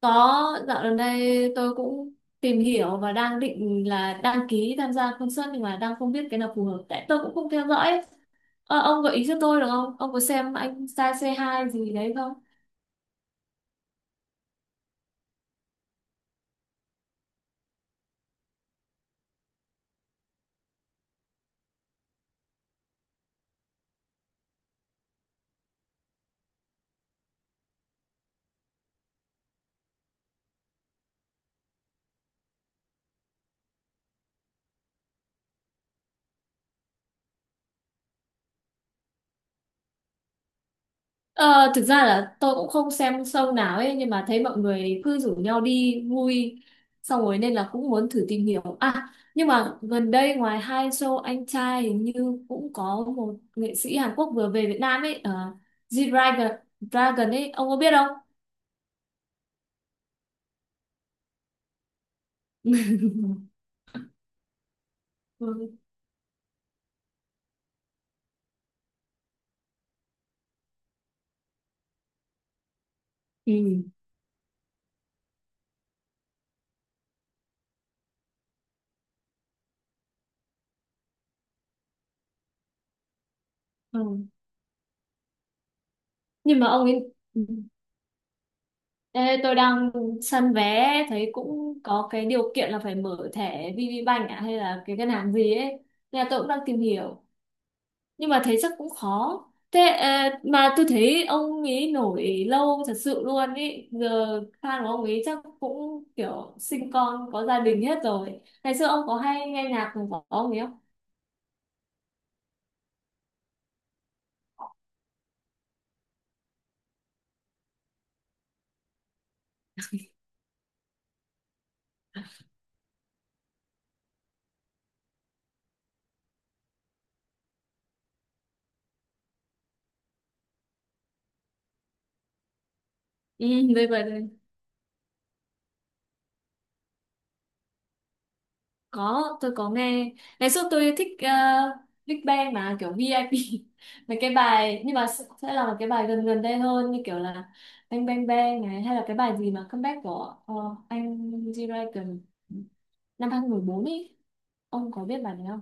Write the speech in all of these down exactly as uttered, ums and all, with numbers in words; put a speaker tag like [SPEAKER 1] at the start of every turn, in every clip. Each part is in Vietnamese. [SPEAKER 1] Có, dạo gần đây tôi cũng tìm hiểu và đang định là đăng ký tham gia concert nhưng mà đang không biết cái nào phù hợp. Tại tôi cũng không theo dõi. ấy. Ờ, ông gợi ý cho tôi được không? Ông có xem anh Sai xê hai gì đấy không? Ờ, Thực ra là tôi cũng không xem show nào ấy nhưng mà thấy mọi người cứ rủ nhau đi vui xong rồi nên là cũng muốn thử tìm hiểu. À, nhưng mà gần đây ngoài hai show anh trai hình như cũng có một nghệ sĩ Hàn Quốc vừa về Việt Nam ấy, uh, G-Dragon Dragon ấy, ông có biết không? Ừ. ừ Ừ. Nhưng mà ông ấy ừ. Ê, tôi đang săn vé thấy cũng có cái điều kiện là phải mở thẻ VPBank à, hay là cái ngân hàng gì ấy nên là tôi cũng đang tìm hiểu nhưng mà thấy chắc cũng khó thế ờ, mà tôi thấy ông ấy nổi lâu thật sự luôn ấy giờ fan của ông ấy chắc cũng kiểu sinh con có gia đình hết rồi, ngày xưa ông có hay nghe nhạc của ông ấy không? Ừ, đây vậy. Có, tôi có nghe. Ngày xưa tôi thích uh, Big Bang mà kiểu vi ai pi. Mấy cái bài nhưng mà s- sẽ là một cái bài gần gần đây hơn như kiểu là Bang Bang Bang này hay là cái bài gì mà comeback của ờ, anh G-Dragon năm hai nghìn mười bốn ấy. Ông có biết bài này không?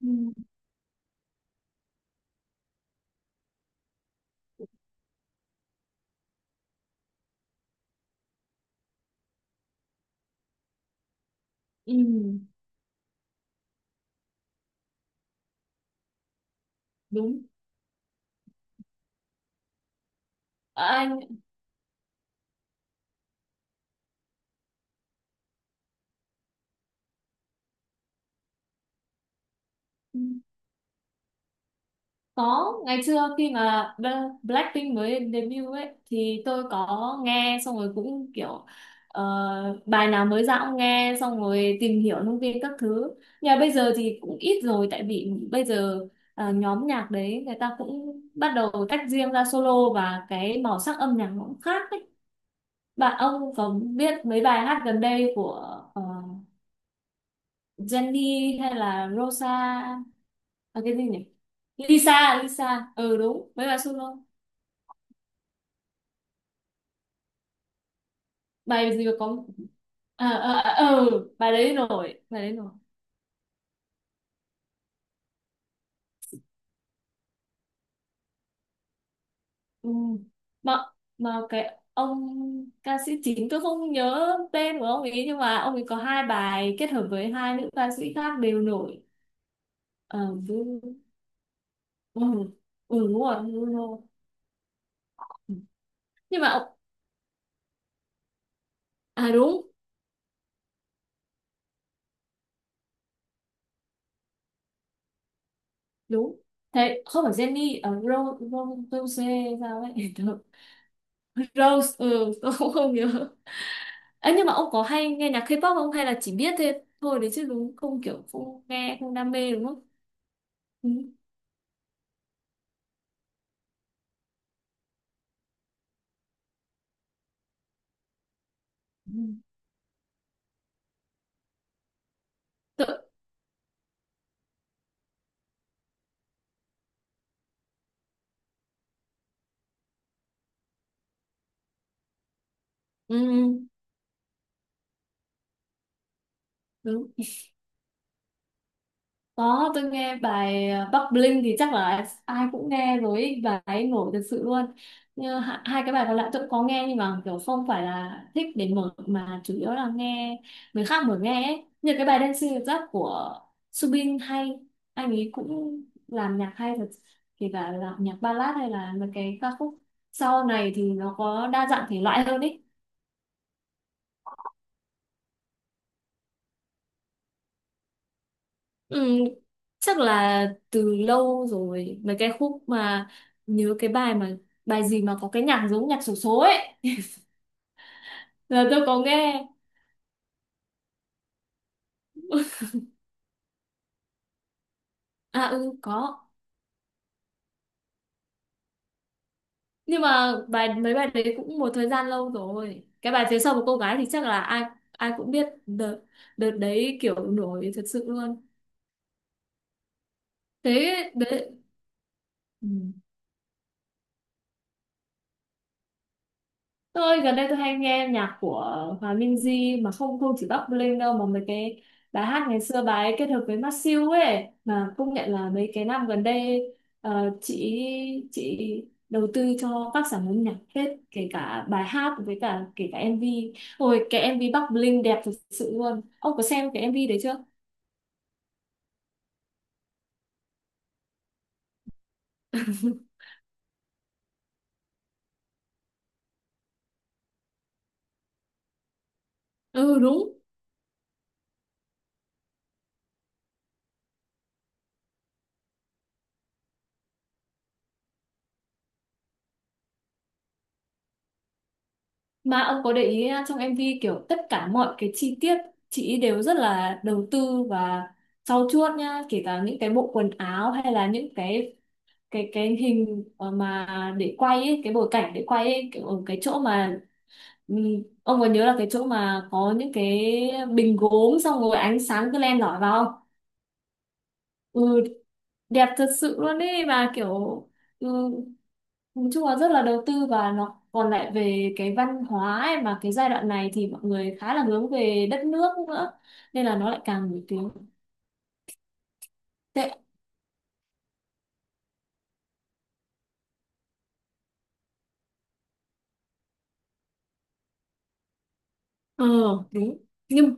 [SPEAKER 1] Ừ, ừ, đúng. Ờ, anh. Có, ngày xưa khi mà Bla- Blackpink mới debut ấy thì tôi có nghe xong rồi cũng kiểu ờ, bài nào mới ra cũng nghe xong rồi tìm hiểu thông tin các thứ. Nhưng mà bây giờ thì cũng ít rồi tại vì bây giờ ờ, nhóm nhạc đấy người ta cũng bắt đầu tách riêng ra solo và cái màu sắc âm nhạc nó cũng khác ấy. Bạn ông có biết mấy bài hát gần đây của ờ, Jennie hay là Rosa, à, cái gì nhỉ? Lisa, Lisa. Ừ đúng, mấy bài solo. Bài gì mà có à, à, à, ờ, ừ bài đấy nổi, bài đấy nổi ừ. mà mà cái ông ca sĩ chính tôi không nhớ tên của ông ấy nhưng mà ông ấy có hai bài kết hợp với hai nữ ca sĩ khác đều nổi. Ờ Bruno. Ừ, ừ đúng rồi Bruno. Ừ. nhưng mà ông- À đúng, đúng. Thế không phải Jenny ở Rose Rose Rose sao ấy? Rose ừ tôi cũng không nhớ ấy nhưng mà ông có hay nghe nhạc K-pop không hay là chỉ biết thế thôi đấy chứ, đúng không kiểu không nghe không đam mê đúng không? Ừ. Ừ. Tự... Ừ. Đúng. Có, tôi nghe bài ờ, Bắc Bling thì chắc là ai cũng nghe rồi ý, bài ấy nổi thật sự luôn. Như hạ- hai cái bài còn lại tôi cũng có nghe nhưng mà kiểu không phải là thích để mở mà chủ yếu là nghe người khác mở nghe ấy. Như cái bài Dancing with Love của Subin, hay anh ấy cũng làm nhạc hay thật, kể cả là nhạc ballad hay là mấy cái ca khúc sau này thì nó có đa dạng thể loại hơn ý. Ừ, chắc là từ lâu rồi mấy cái khúc mà nhớ cái bài mà bài gì mà có cái nhạc giống nhạc xổ số ấy, là tôi có nghe. À ừ có, nhưng mà bài mấy bài đấy cũng một thời gian lâu rồi, cái bài phía sau một cô gái thì chắc là ai ai cũng biết, đợt đợt đấy kiểu nổi thật sự luôn. Thế đấy ừ. Tôi gần đây tôi hay nghe nhạc của Hòa Minzy mà không không chỉ Bắc Bling đâu mà mấy cái bài hát ngày xưa bà ấy kết hợp với Masew siêu ấy, mà công nhận là mấy cái năm gần đây ờ, chị chị đầu tư cho các sản phẩm nhạc hết, kể cả bài hát với cả kể cả em vi. Ôi cái em vi Bắc Bling đẹp thực sự luôn. Ông có xem cái em vi đấy chưa? Ừ đúng. Mà ông có để ý à, trong em vi kiểu tất cả mọi cái chi tiết chị đều rất là đầu tư và trau chuốt nhá, kể cả những cái bộ quần áo hay là những cái cái cái hình ờ, mà để quay ấy, cái bối cảnh để quay ấy, kiểu ở cái chỗ mà ừm, ông có nhớ là cái chỗ mà có những cái bình gốm xong rồi ánh sáng cứ len lỏi vào không? Ừ, đẹp thật sự luôn ấy và kiểu ừ, nói chung là rất là đầu tư và nó còn lại về cái văn hóa ấy, mà cái giai đoạn này thì mọi người khá là hướng về đất nước nữa nên là nó lại càng nổi tiếng tệ. Ờ đúng, nhưng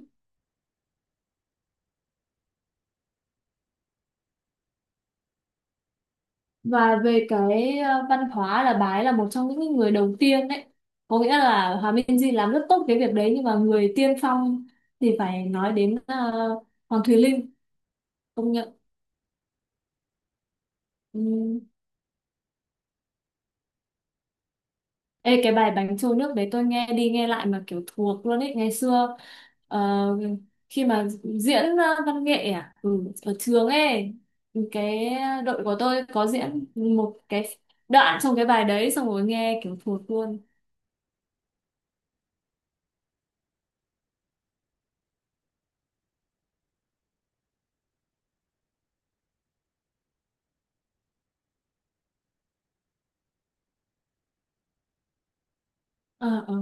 [SPEAKER 1] và về cái ờ, văn hóa là bà ấy là một trong những người đầu tiên đấy, có nghĩa là Hòa Minh Di làm rất tốt cái việc đấy nhưng mà người tiên phong thì phải nói đến ờ, Hoàng Thùy Linh, công nhận. Ừ. Ê, cái bài bánh trôi nước đấy tôi nghe đi nghe lại mà kiểu thuộc luôn ấy, ngày xưa ờ, khi mà diễn ờ, văn nghệ à ừ, ở trường ấy, cái đội của tôi có diễn một cái đoạn trong cái bài đấy xong rồi nghe kiểu thuộc luôn. Ờ ờ.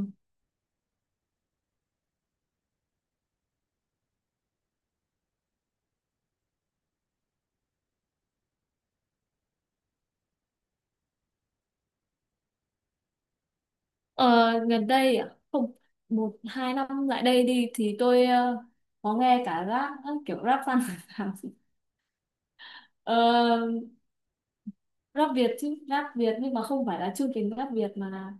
[SPEAKER 1] Ờ, gần đây à không, một hai năm lại đây đi thì tôi ờ, có nghe cả rap, kiểu rap văn. ờ, Rap Việt chứ, rap Việt nhưng mà không phải là chương trình rap Việt mà là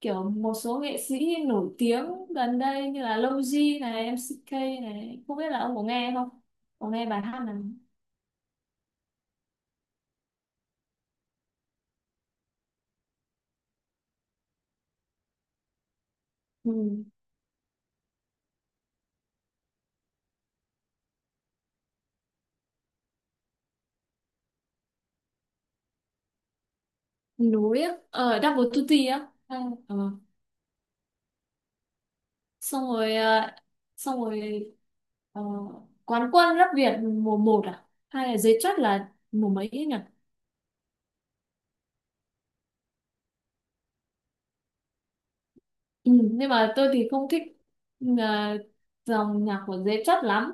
[SPEAKER 1] kiểu một số nghệ sĩ nổi tiếng gần đây như là Lofi này, em xê ca này, không biết là ông có nghe không? Có nghe bài hát này. Ừ. Núi á, ở Double Tutti á. Ờ, ờ. Xong rồi ờ, xong rồi ờ, quán quân Rap Việt mùa một à? Hay là giấy chắc là mùa mấy ấy nhỉ? Ừ, nhưng mà tôi thì không thích ờ, dòng nhạc của giấy chất lắm,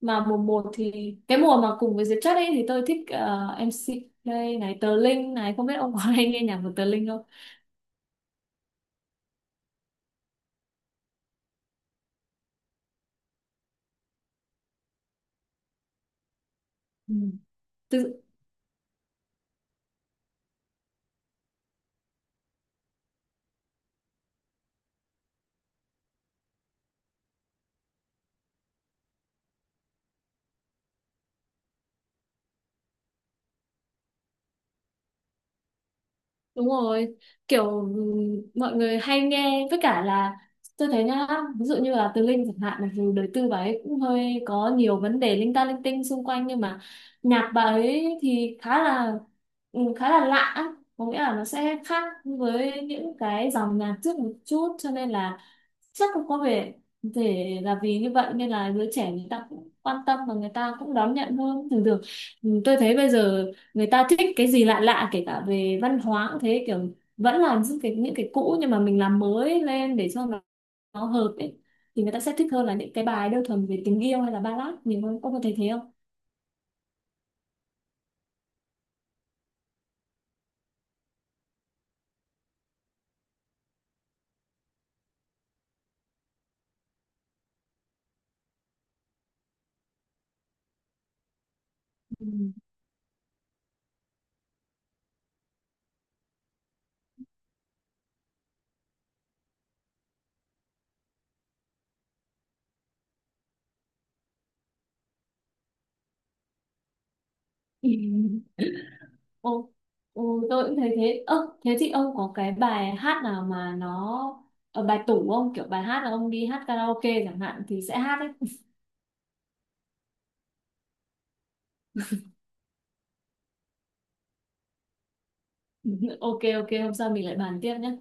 [SPEAKER 1] mà mùa một thì cái mùa mà cùng với Diệp Chất ấy thì tôi thích ờ, em MC Play này, Tờ Linh này, không biết ông có hay nghe nhạc của Tờ Linh không? Ừ. Thực. Đúng rồi, kiểu ừm, mọi người hay nghe với cả là tôi thấy nhá, ví dụ như là Từ Linh chẳng hạn mặc dù đời tư bà ấy cũng hơi có nhiều vấn đề linh ta linh tinh xung quanh nhưng mà nhạc bà ấy thì khá là ừm, khá là lạ á, có nghĩa là nó sẽ khác với những cái dòng nhạc trước một chút cho nên là chắc cũng có vẻ thể là vì như vậy nên là giới trẻ người ta cũng quan tâm và người ta cũng đón nhận hơn thường thường. Ừm, tôi thấy bây giờ người ta thích cái gì lạ lạ, kể cả về văn hóa cũng thế, kiểu vẫn là những cái những cái cũ nhưng mà mình làm mới lên để cho nó, nó hợp ấy thì người ta sẽ thích hơn là những cái bài đơn thuần về tình yêu hay là ballad nhiều hơn, ông có thấy thế không? Ừ. Ồ, ồ, tôi cũng thấy thế. Ơ, thế thì ông có cái bài hát nào mà nó ờ, bài tủ không? Kiểu bài hát là ông đi hát karaoke chẳng hạn thì sẽ hát ấy. Ok ok, hôm sau mình lại bàn tiếp nhé.